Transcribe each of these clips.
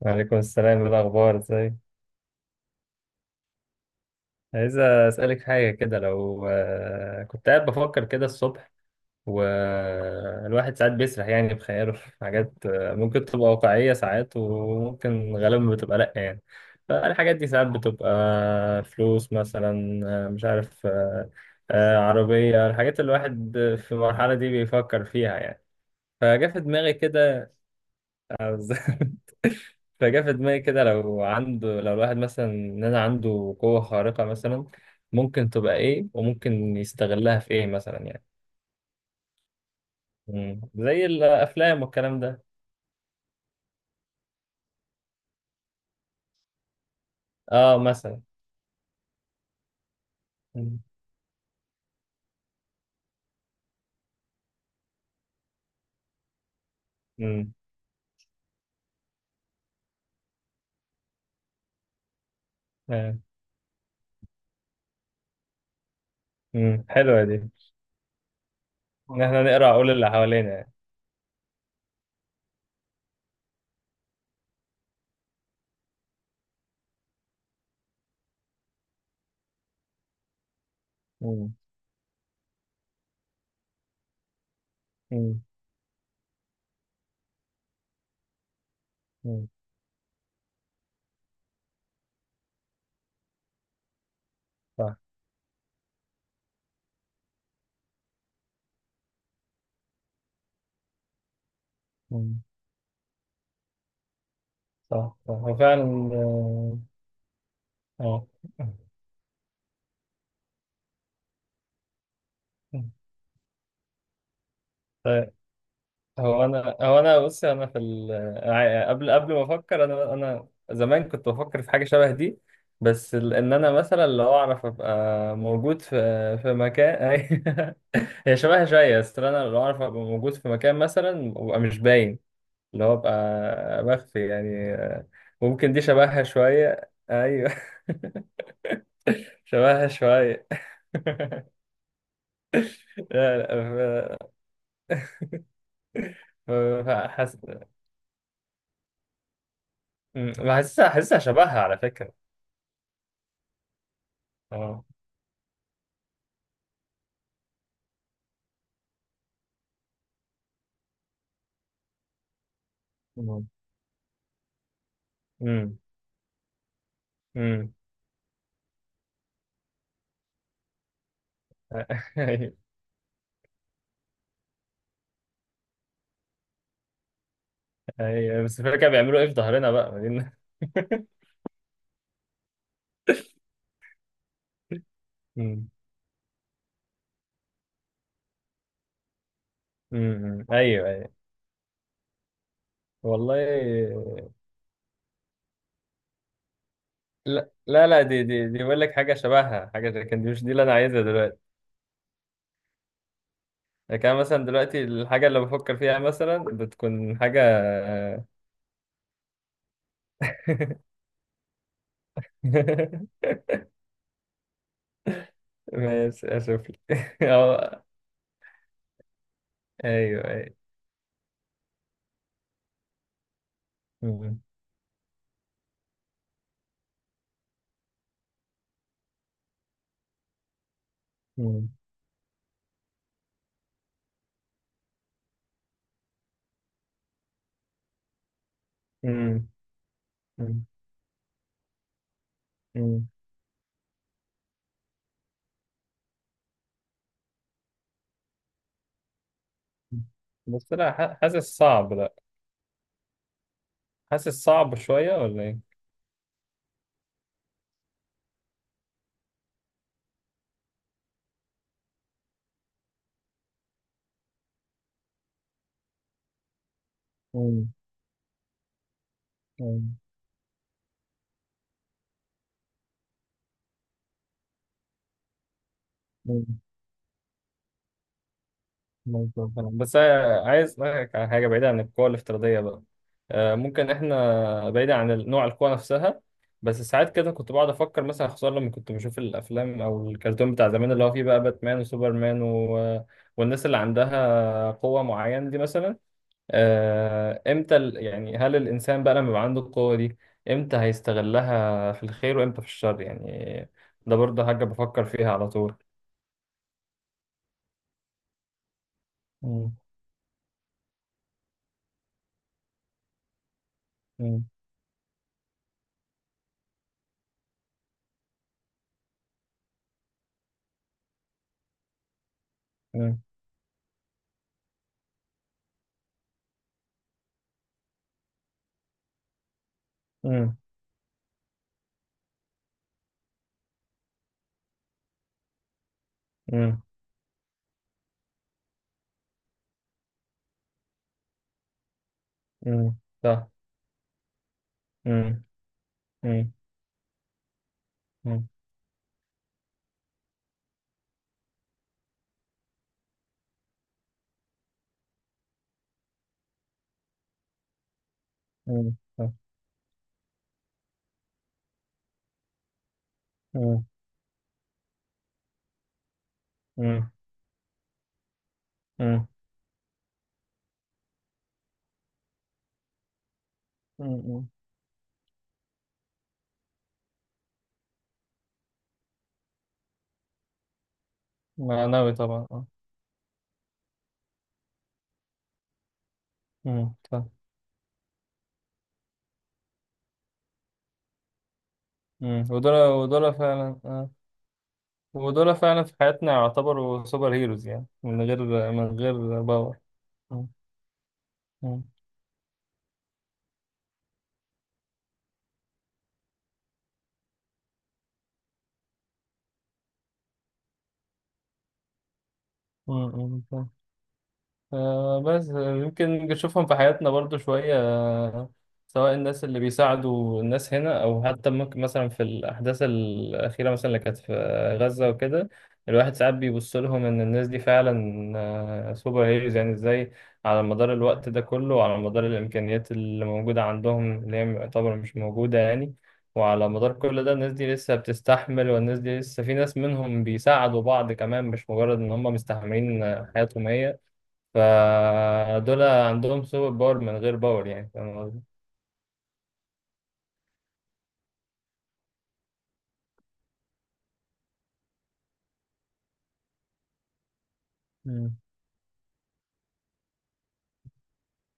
وعليكم السلام، إيه الأخبار، ازاي؟ عايز أسألك حاجة كده. لو كنت قاعد بفكر كده الصبح، والواحد ساعات بيسرح يعني بخياله في حاجات ممكن تبقى واقعية ساعات، وممكن غالبا بتبقى لأ يعني. فالحاجات دي ساعات بتبقى فلوس مثلا. مش عارف، عربية، الحاجات اللي الواحد في المرحلة دي بيفكر فيها يعني. فجا في دماغي كده. آه، بالظبط. فجاء في دماغي كده، لو الواحد مثلا ان انا عنده قوة خارقة مثلا، ممكن تبقى ايه وممكن يستغلها في ايه مثلا يعني. مم. زي الافلام والكلام ده. اه، مثلا. مم. مم. آه. مم. حلوة دي. ان احنا نقرا عقول اللي حوالينا يعني. مم. مم. مم. صح. مم. صح صح وفعلا. اه. آه. هو انا بص، انا في ال... ع- قبل قبل ما افكر، انا زمان كنت بفكر في حاجه شبه دي. بس ان انا مثلا لو اعرف ابقى موجود في مكان. هي شبهها شويه، بس انا لو اعرف ابقى موجود في مكان مثلا وابقى مش باين، اللي هو ابقى مخفي يعني. ممكن دي شبهها شويه، ايوه. شبهها شويه. لا لا. ف... ف... فحس... حاسسها شبهها على فكره. اه. مم. امم. ايوه. أيوة، بس الفكره كانوا بيعملوا ايه في ظهرنا بقى، ما دي. امم، امم، ايوه ايوه. والله. لا لا لا. دي بقول لك حاجه شبهها، حاجه كان دي مش دي اللي انا عايزها دلوقتي. لكن أنا مثلا دلوقتي الحاجه اللي بفكر فيها مثلا بتكون حاجه. ماشي، اشوف لك، اه. ايوه ايوه. أمم، أمم، أمم، أمم، أمم. بس لا، حاسس صعب، لا. حاسس صعب شويه ولا ايه؟ أمم. مم. مظبوط فعلاً. بس أنا عايز أسألك على حاجة بعيدة عن القوى الافتراضية بقى. ممكن إحنا بعيدة عن نوع القوى نفسها. بس ساعات كده كنت بقعد أفكر مثلا، خصوصا لما كنت بشوف الأفلام أو الكرتون بتاع زمان اللي هو فيه بقى باتمان وسوبرمان، و... والناس اللي عندها قوة معينة دي مثلا. إمتى ال... يعني، هل الإنسان بقى لما يبقى عنده القوة دي إمتى هيستغلها في الخير وإمتى في الشر يعني؟ ده برضه حاجة بفكر فيها على طول. مم. مم. مم. مم. مم. امم، صح. امم. امم. امم. امم، صح. امم. امم. امم. امم. معنوي طبعا، اه. امم، صح. امم. ودول فعلا، اه. ودول فعلا في حياتنا يعتبروا سوبر هيروز، يعني من غير، باور. امم. امم. امم، صح. آه بس يمكن نشوفهم في حياتنا برضو شوية، سواء الناس اللي بيساعدوا الناس هنا، او حتى ممكن مثلا في الاحداث الاخيره مثلا اللي كانت في غزه وكده. الواحد ساعات بيبص لهم ان الناس دي فعلا سوبر هيروز. يعني ازاي، على مدار الوقت ده كله، وعلى مدار الامكانيات اللي موجوده عندهم اللي هي يعتبر مش موجوده يعني، وعلى مدار كل ده الناس دي لسه بتستحمل، والناس دي لسه في ناس منهم بيساعدوا بعض كمان، مش مجرد ان هم مستحملين حياتهم هي. فدول عندهم سوبر باور من غير باور، يعني فاهم قصدي؟ مم.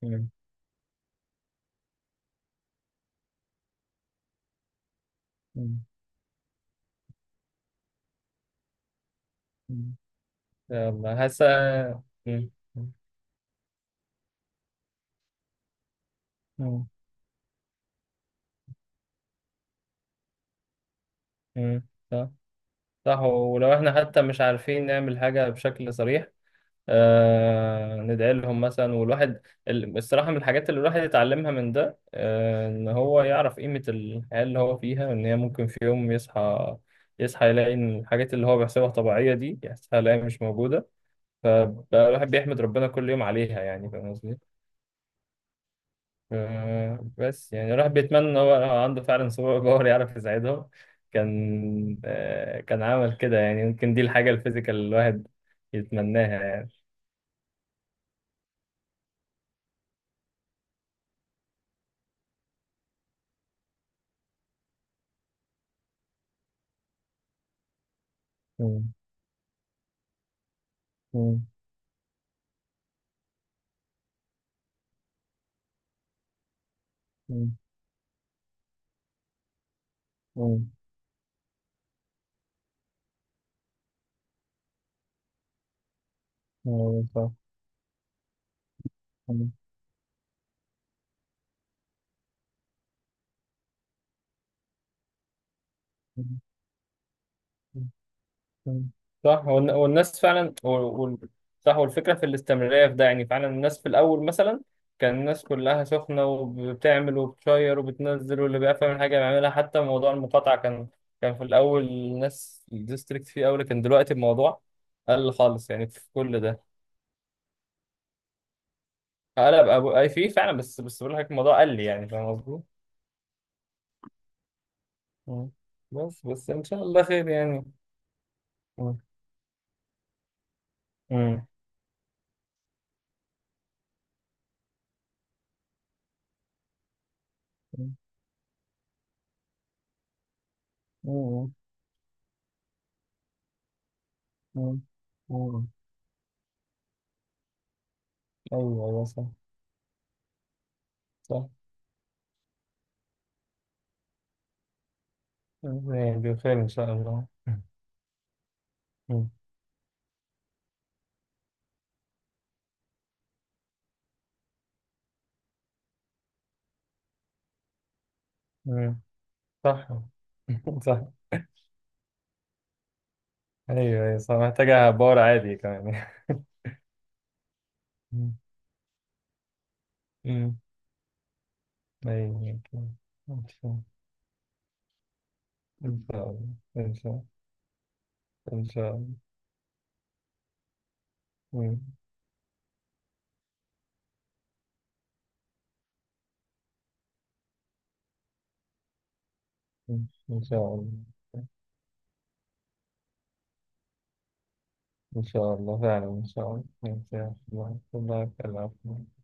مم. مم. مم. يلا حاسة. مم. مم. مم. صح. صح، ولو احنا حتى مش عارفين نعمل حاجة بشكل صريح، آه ندعي لهم مثلا. والواحد، الصراحة من الحاجات اللي الواحد يتعلمها من ده، ان هو يعرف قيمة الحياة اللي هو فيها، ان هي ممكن في يوم يصحى يلاقي ان الحاجات اللي هو بيحسبها طبيعية دي، يحسبها يلاقيها مش موجودة. فالواحد بيحمد ربنا كل يوم عليها، يعني فاهم قصدي؟ بس يعني الواحد بيتمنى ان هو لو عنده فعلا سوبر باور يعرف يساعدهم، كان عمل كده يعني. يمكن دي الحاجة الفيزيكال اللي الواحد يتمناها يعني. مم. مم. مم. مم. أيوة، صح. مم. مم. صح. والناس فعلا، صح، والفكرة في الاستمرارية في ده. يعني فعلا الناس في الأول مثلا كان الناس كلها سخنة، وبتعمل وبتشير وبتنزل واللي بيعرف يعمل حاجة بيعملها. حتى موضوع المقاطعة، كان في الأول الناس الديستريكت فيه أوي، لكن دلوقتي الموضوع قل خالص يعني في كل ده. قلب أبو أي فيه فعلا، بس بقول لك الموضوع قل، يعني فاهم قصدي؟ مم. بس إن شاء الله خير يعني. مم. امم. مم. مم. مم. أيوه أيوه صح. صح، يعني بخير إن شاء الله. مم. مم. صح. صح. أيوه أيوه صح، محتاجة باور عادي كمان. مم. مم. أيوه، أوكي. إن شاء، إن شاء الله. إن شاء، إن شاء الله. مم. مم. إن شاء الله. إن شاء الله فعلا، إن شاء الله إن شاء الله، الله يخليك.